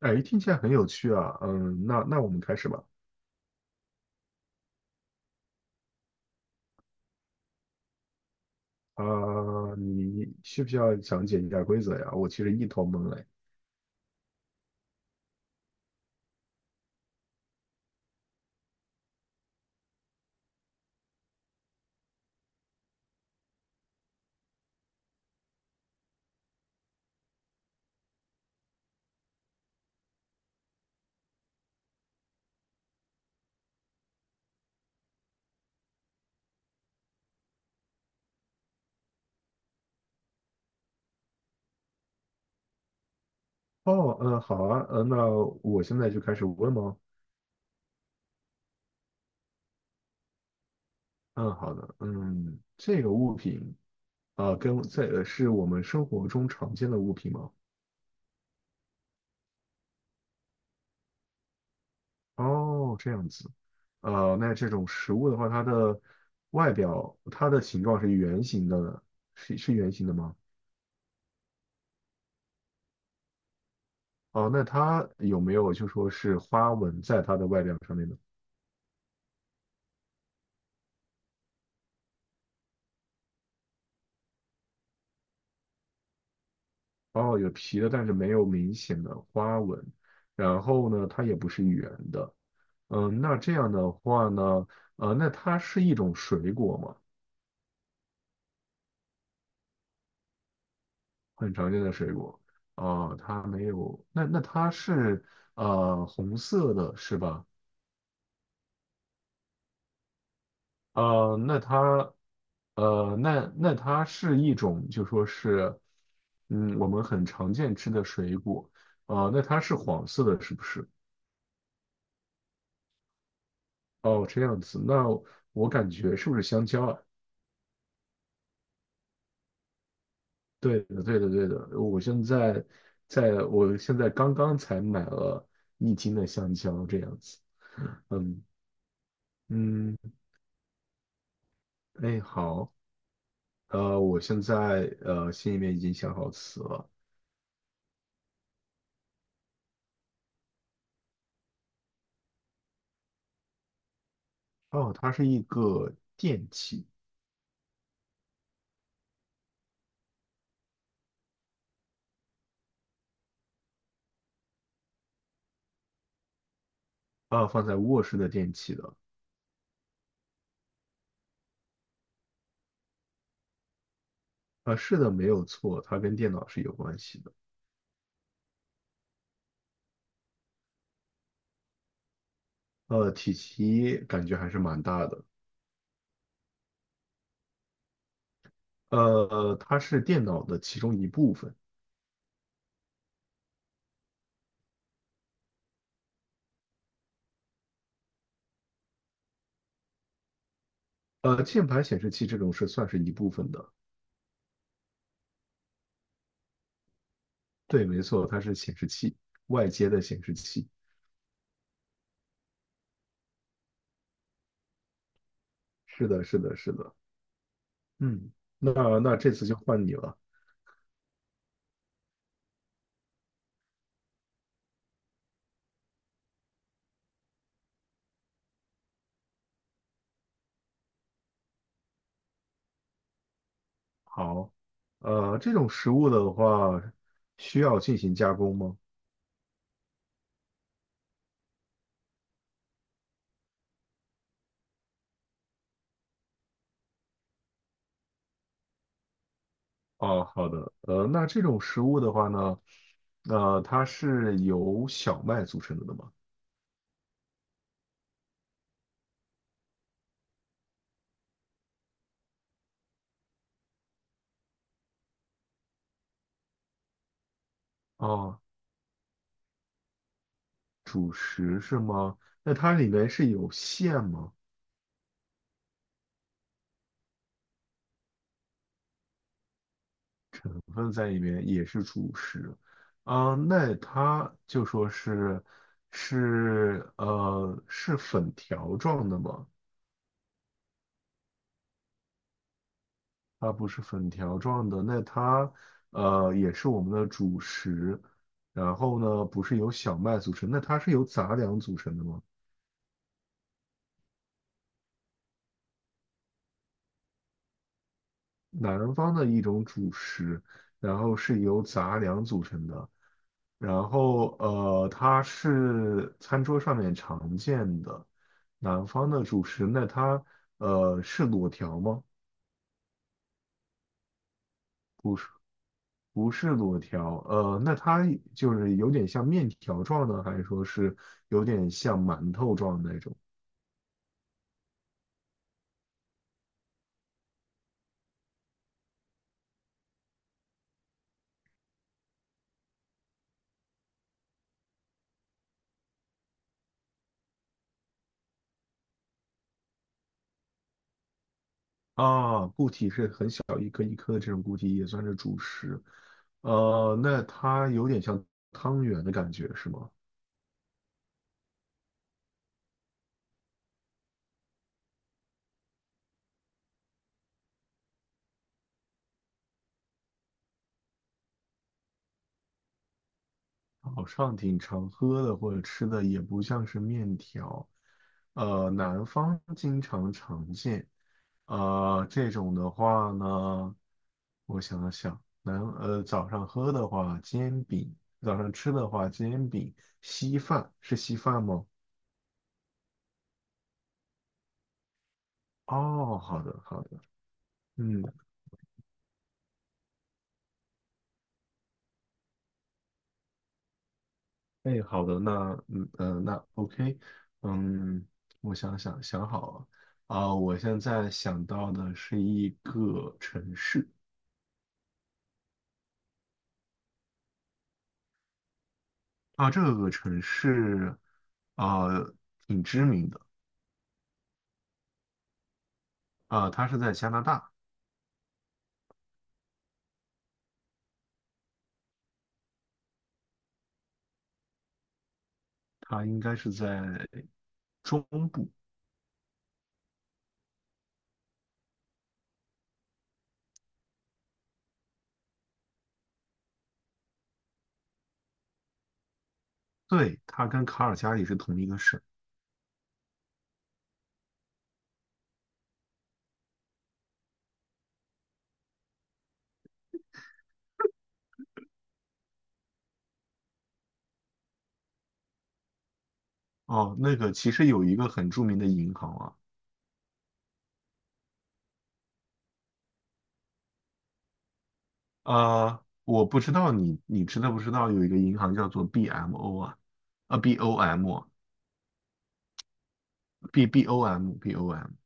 哎，听起来很有趣啊。嗯，那我们开始吧。啊、你需不需要讲解一下规则呀？我其实一头懵嘞。哦，嗯，好啊，嗯，那我现在就开始问吗？嗯，好的。嗯，这个物品是我们生活中常见的物品吗？哦，这样子。呃，那这种食物的话，它的外表，它的形状是圆形的，是圆形的吗？哦，那它有没有就说是花纹在它的外表上面呢？哦，有皮的，但是没有明显的花纹。然后呢，它也不是圆的。嗯，那这样的话呢，呃，那它是一种水果吗？很常见的水果。它没有。那它是呃红色的，是吧？呃，那它呃，那那它是一种就说是，嗯，我们很常见吃的水果。那它是黄色的，是不是？哦，这样子，那我感觉是不是香蕉啊？对的，对的，对的。我现在在，我现在刚刚才买了一斤的香蕉，这样子。嗯嗯，哎，好，呃，我现在呃心里面已经想好词了。哦，它是一个电器，啊，放在卧室的电器的。啊，是的，没有错，它跟电脑是有关系的。呃，体积感觉还是蛮大的。呃，它是电脑的其中一部分。呃，键盘显示器这种是算是一部分的。对，没错，它是显示器，外接的显示器。是的，是的，是的。嗯，那那这次就换你了。好，呃，这种食物的话，需要进行加工吗？哦，好的。呃，那这种食物的话呢，呃，它是由小麦组成的吗？哦，主食是吗？那它里面是有馅吗？成分在里面，也是主食。啊，那它就说是是粉条状的吗？它不是粉条状的，那它呃也是我们的主食。然后呢，不是由小麦组成，那它是由杂粮组成的吗？南方的一种主食，然后是由杂粮组成的，然后呃，它是餐桌上面常见的南方的主食。那它呃是裸条吗？不是，不是裸条。呃，那它就是有点像面条状的，还是说是有点像馒头状的那种？啊，固体是很小一颗一颗的这种固体也算是主食。呃，那它有点像汤圆的感觉是吗？早上挺常喝的或者吃的也不像是面条，呃，南方经常常见，呃，这种的话呢，我想想，早上喝的话煎饼，早上吃的话煎饼，稀饭是稀饭吗？哦，好的好的，嗯，哎，好的，那OK，嗯，我想好了。我现在想到的是一个城市，啊，这个城市，呃，挺知名的。啊，它是在加拿大，它应该是在中部。对，它跟卡尔加里是同一个省。哦，那个其实有一个很著名的银行啊，呃，我不知道你知道不知道有一个银行叫做 BMO 啊，啊 BOM 啊 BOM，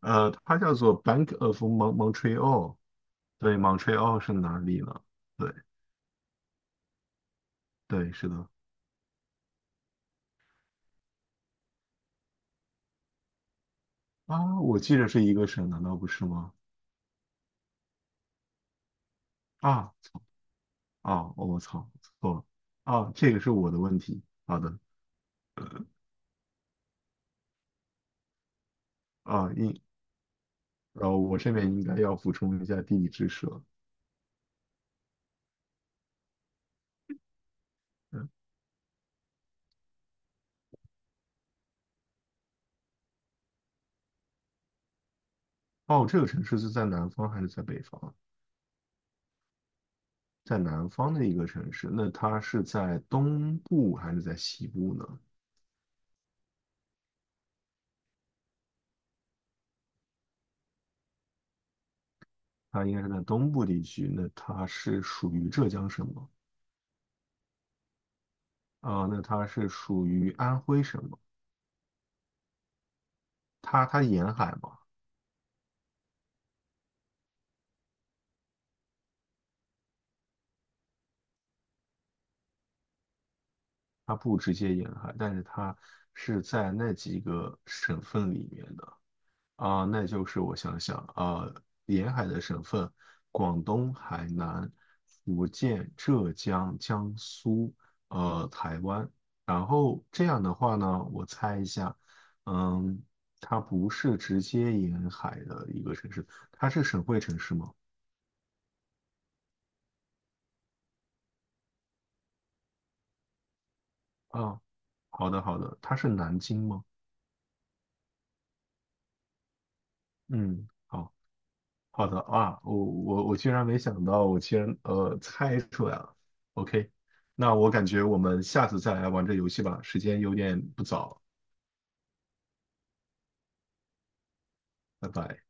呃，它叫做 Bank of Montreal。对，Montreal 是哪里呢？对对，是的。啊，我记着是一个省，难道不是吗？啊，哦我操，错了啊，这个是我的问题。好的啊，应，然后我这边应该要补充一下地理知识了。嗯，哦，这个城市是在南方还是在北方啊？在南方的一个城市，那它是在东部还是在西部呢？它应该是在东部地区，那它是属于浙江省吗？啊，那它是属于安徽省吗？它沿海吗？它不直接沿海，但是它是在那几个省份里面的。啊，那就是我想想啊，沿海的省份，广东、海南、福建、浙江、江苏，呃，台湾。然后这样的话呢，我猜一下，嗯，它不是直接沿海的一个城市，它是省会城市吗？啊，好的好的，它是南京吗？嗯。好。好的啊，我居然没想到，我竟然呃猜出来了。OK，那我感觉我们下次再来玩这游戏吧，时间有点不早，拜拜。